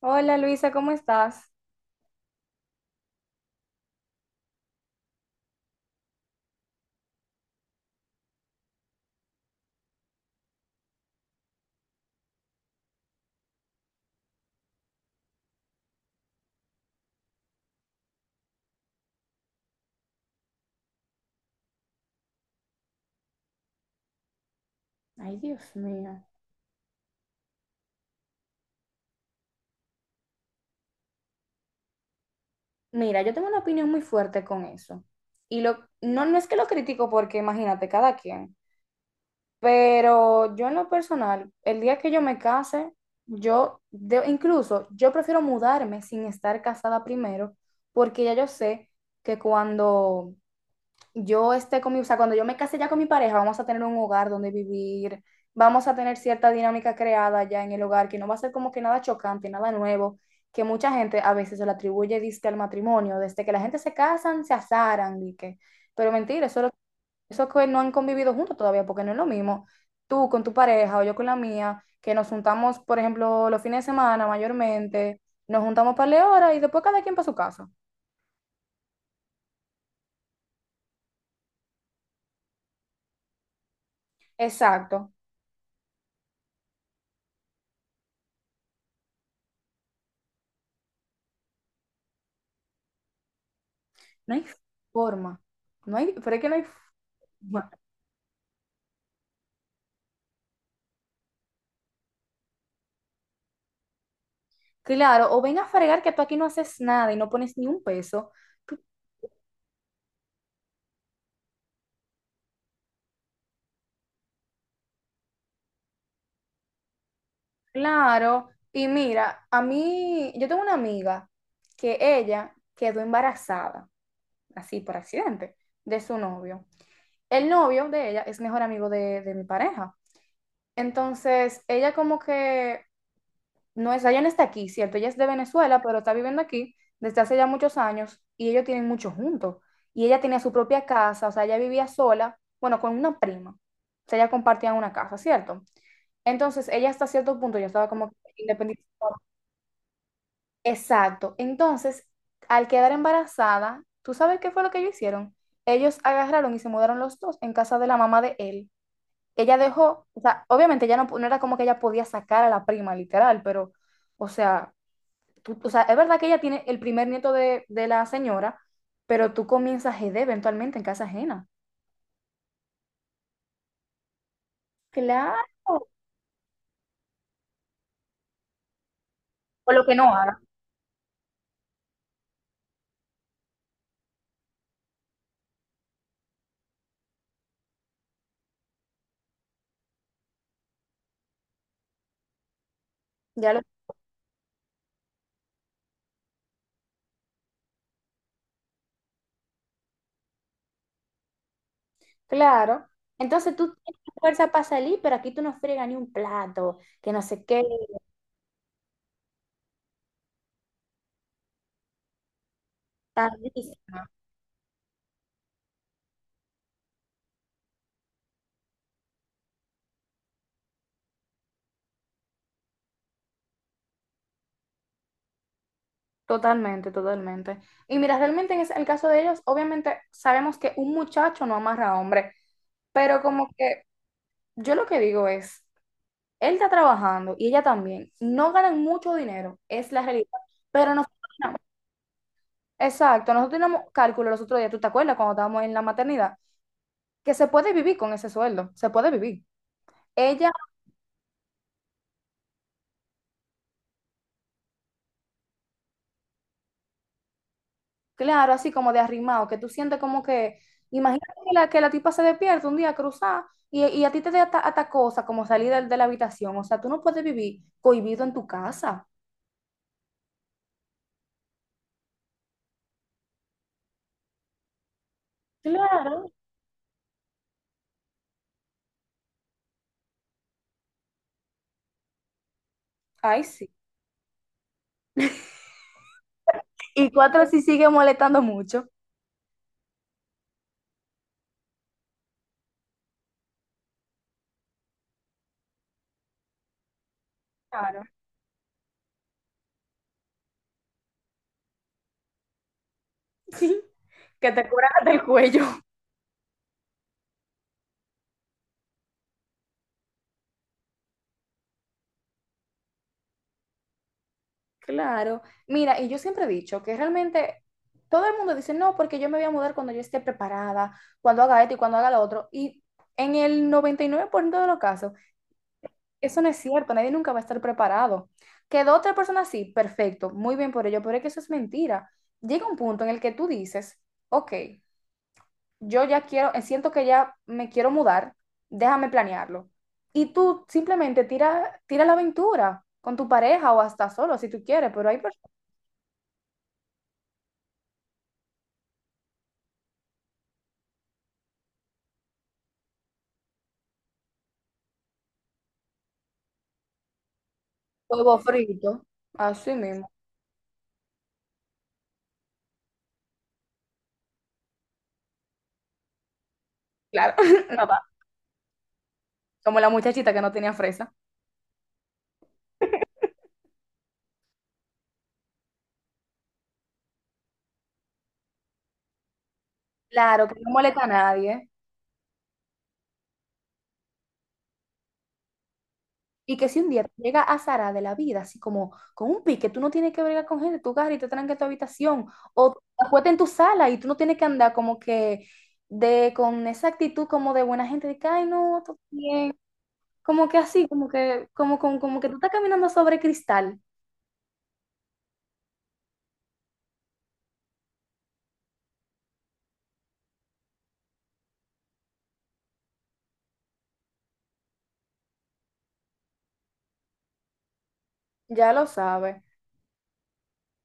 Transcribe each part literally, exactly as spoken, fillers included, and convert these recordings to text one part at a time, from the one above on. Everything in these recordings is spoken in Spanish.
Hola Luisa, ¿cómo estás? Ay, Dios mío. Mira, yo tengo una opinión muy fuerte con eso. Y lo, no, no es que lo critico porque imagínate, cada quien. Pero yo en lo personal, el día que yo me case, yo, de- incluso, yo prefiero mudarme sin estar casada primero, porque ya yo sé que cuando yo esté con mi, o sea, cuando yo me case ya con mi pareja, vamos a tener un hogar donde vivir, vamos a tener cierta dinámica creada ya en el hogar, que no va a ser como que nada chocante, nada nuevo, que mucha gente a veces se lo atribuye, diste al matrimonio, desde que la gente se casan, se asaran, y que, pero mentira, eso, lo- eso que no han convivido juntos todavía, porque no es lo mismo tú con tu pareja o yo con la mía, que nos juntamos, por ejemplo, los fines de semana mayormente, nos juntamos para la hora y después cada quien para su casa. Exacto. No hay forma. No hay, pero es que no hay forma. Claro, o ven a fregar que tú aquí no haces nada y no pones ni un peso. Tú- Claro. Y mira, a mí, yo tengo una amiga que ella quedó embarazada, así por accidente, de su novio. El novio de ella es mejor amigo de, de mi pareja. Entonces, ella como que no es, ella no está aquí, ¿cierto? Ella es de Venezuela, pero está viviendo aquí desde hace ya muchos años y ellos tienen mucho juntos. Y ella tenía su propia casa, o sea, ella vivía sola, bueno, con una prima. O sea, ella compartía una casa, ¿cierto? Entonces, ella hasta cierto punto ya estaba como independiente. Exacto. Entonces, al quedar embarazada, ¿tú sabes qué fue lo que ellos hicieron? Ellos agarraron y se mudaron los dos en casa de la mamá de él. Ella dejó, o sea, obviamente ya no, no era como que ella podía sacar a la prima, literal, pero, o sea, tú- o sea, es verdad que ella tiene el primer nieto de, de la señora, pero tú comienzas G D eventualmente en casa ajena. Claro. O lo que no haga. Ya lo, claro. Entonces tú tienes fuerza para salir, pero aquí tú no friegas ni un plato, que no sé qué. Tardísimo. Totalmente, totalmente. Y mira, realmente en ese- el caso de ellos, obviamente sabemos que un muchacho no amarra a hombre, pero como que yo lo que digo es, él está trabajando y ella también, no ganan mucho dinero, es la realidad, pero no. Exacto, nosotros tenemos cálculo los otros días, ¿tú te acuerdas cuando estábamos en la maternidad? Que se puede vivir con ese sueldo, se puede vivir. Ella, claro, así como de arrimado, que tú sientes como que, imagínate que la, que la tipa se despierta un día cruzada y, y a ti te da hasta, hasta cosa como salir del de la habitación, o sea, tú no puedes vivir cohibido en tu casa. Claro. Ay, sí. Y cuatro sí sigue molestando mucho. Claro. Sí. Que te cura hasta el cuello. Claro. Mira, y yo siempre he dicho que realmente todo el mundo dice, no, porque yo me voy a mudar cuando yo esté preparada, cuando haga esto y cuando haga lo otro. Y en el noventa y nueve por ciento de los casos, eso no es cierto, nadie nunca va a estar preparado. Quedó otra persona así, perfecto, muy bien por ello, pero es que eso es mentira. Llega un punto en el que tú dices, ok, yo ya quiero, eh, siento que ya me quiero mudar, déjame planearlo. Y tú simplemente tira, tira la aventura con tu pareja o hasta solo si tú quieres, pero hay personas. Huevo frito, así mismo. Claro, no va. Como la muchachita que no tenía fresa. Claro, que no molesta a nadie. Y que si un día te llega a Sara de la vida, así como con un pique, tú no tienes que bregar con gente, tú agarras y te tranca en tu habitación, o te acuestas en tu sala y tú no tienes que andar como que de con esa actitud como de buena gente, de que, ay, no, todo bien, como que así, como que, como, como, como que tú estás caminando sobre cristal, ya lo sabes.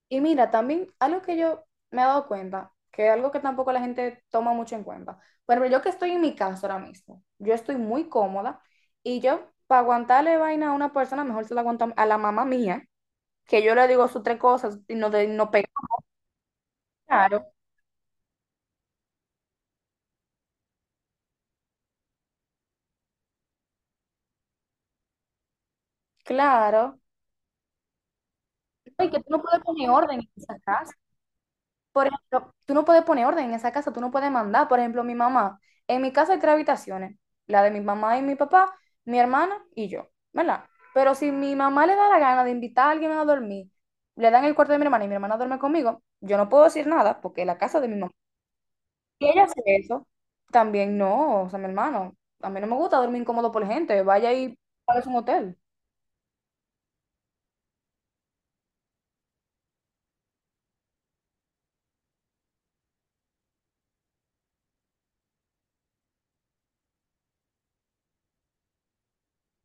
Y mira, también algo que yo me he dado cuenta, que es algo que tampoco la gente toma mucho en cuenta. Bueno, yo que estoy en mi casa ahora mismo, yo estoy muy cómoda y yo para aguantarle vaina a una persona, mejor se la aguanto a la mamá mía, que yo le digo sus tres cosas y no, de, no pego. Claro, claro. Y que tú no puedes poner orden en esa casa. Por ejemplo, tú no puedes poner orden en esa casa, tú no puedes mandar. Por ejemplo, mi mamá. En mi casa hay tres habitaciones, la de mi mamá y mi papá, mi hermana y yo, ¿verdad? Pero si mi mamá le da la gana de invitar a alguien a dormir, le dan el cuarto de mi hermana y mi hermana duerme conmigo, yo no puedo decir nada porque es la casa de mi mamá. Si ella hace eso, también no, o sea, mi hermano, a mí no me gusta dormir incómodo por gente, vaya y pague un hotel.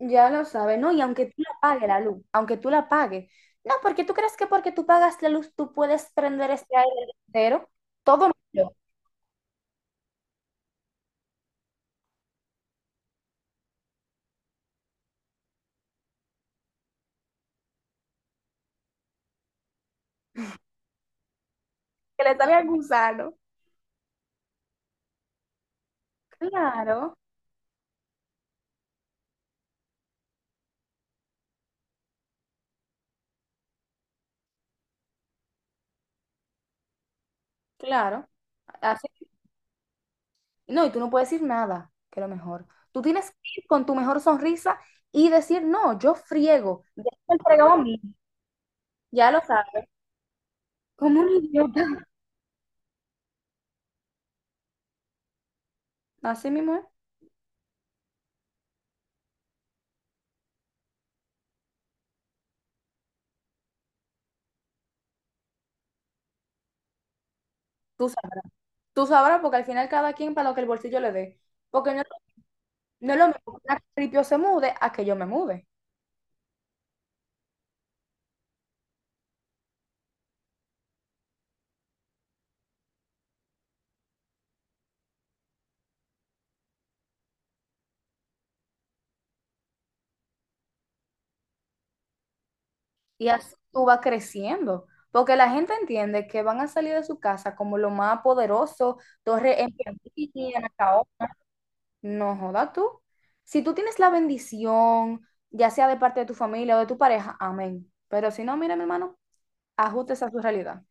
Ya lo sabe, ¿no? Y aunque tú la pagues la luz, aunque tú la pagues, no, porque tú crees que porque tú pagas la luz tú puedes prender este aire entero, todo malo, que le salga al gusano. Claro, claro. Así- no, y tú no puedes decir nada, que lo mejor. Tú tienes que ir con tu mejor sonrisa y decir, no, yo friego, ya me fregado a mí, ya lo sabes, como un idiota. Así mismo es. Tú sabrás, tú sabrás porque al final cada quien para lo que el bolsillo le dé. Porque no. No es lo mismo que una ripio se mude a que yo me mude. Y así tú vas creciendo. Porque la gente entiende que van a salir de su casa como lo más poderoso, torre en Piantini, en Acaona. No joda tú. Si tú tienes la bendición, ya sea de parte de tu familia o de tu pareja, amén. Pero si no, mira, mi hermano, ajustes a su realidad.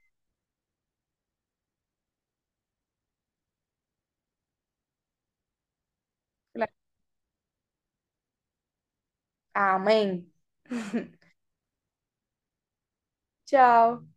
Claro. Amén. Chao.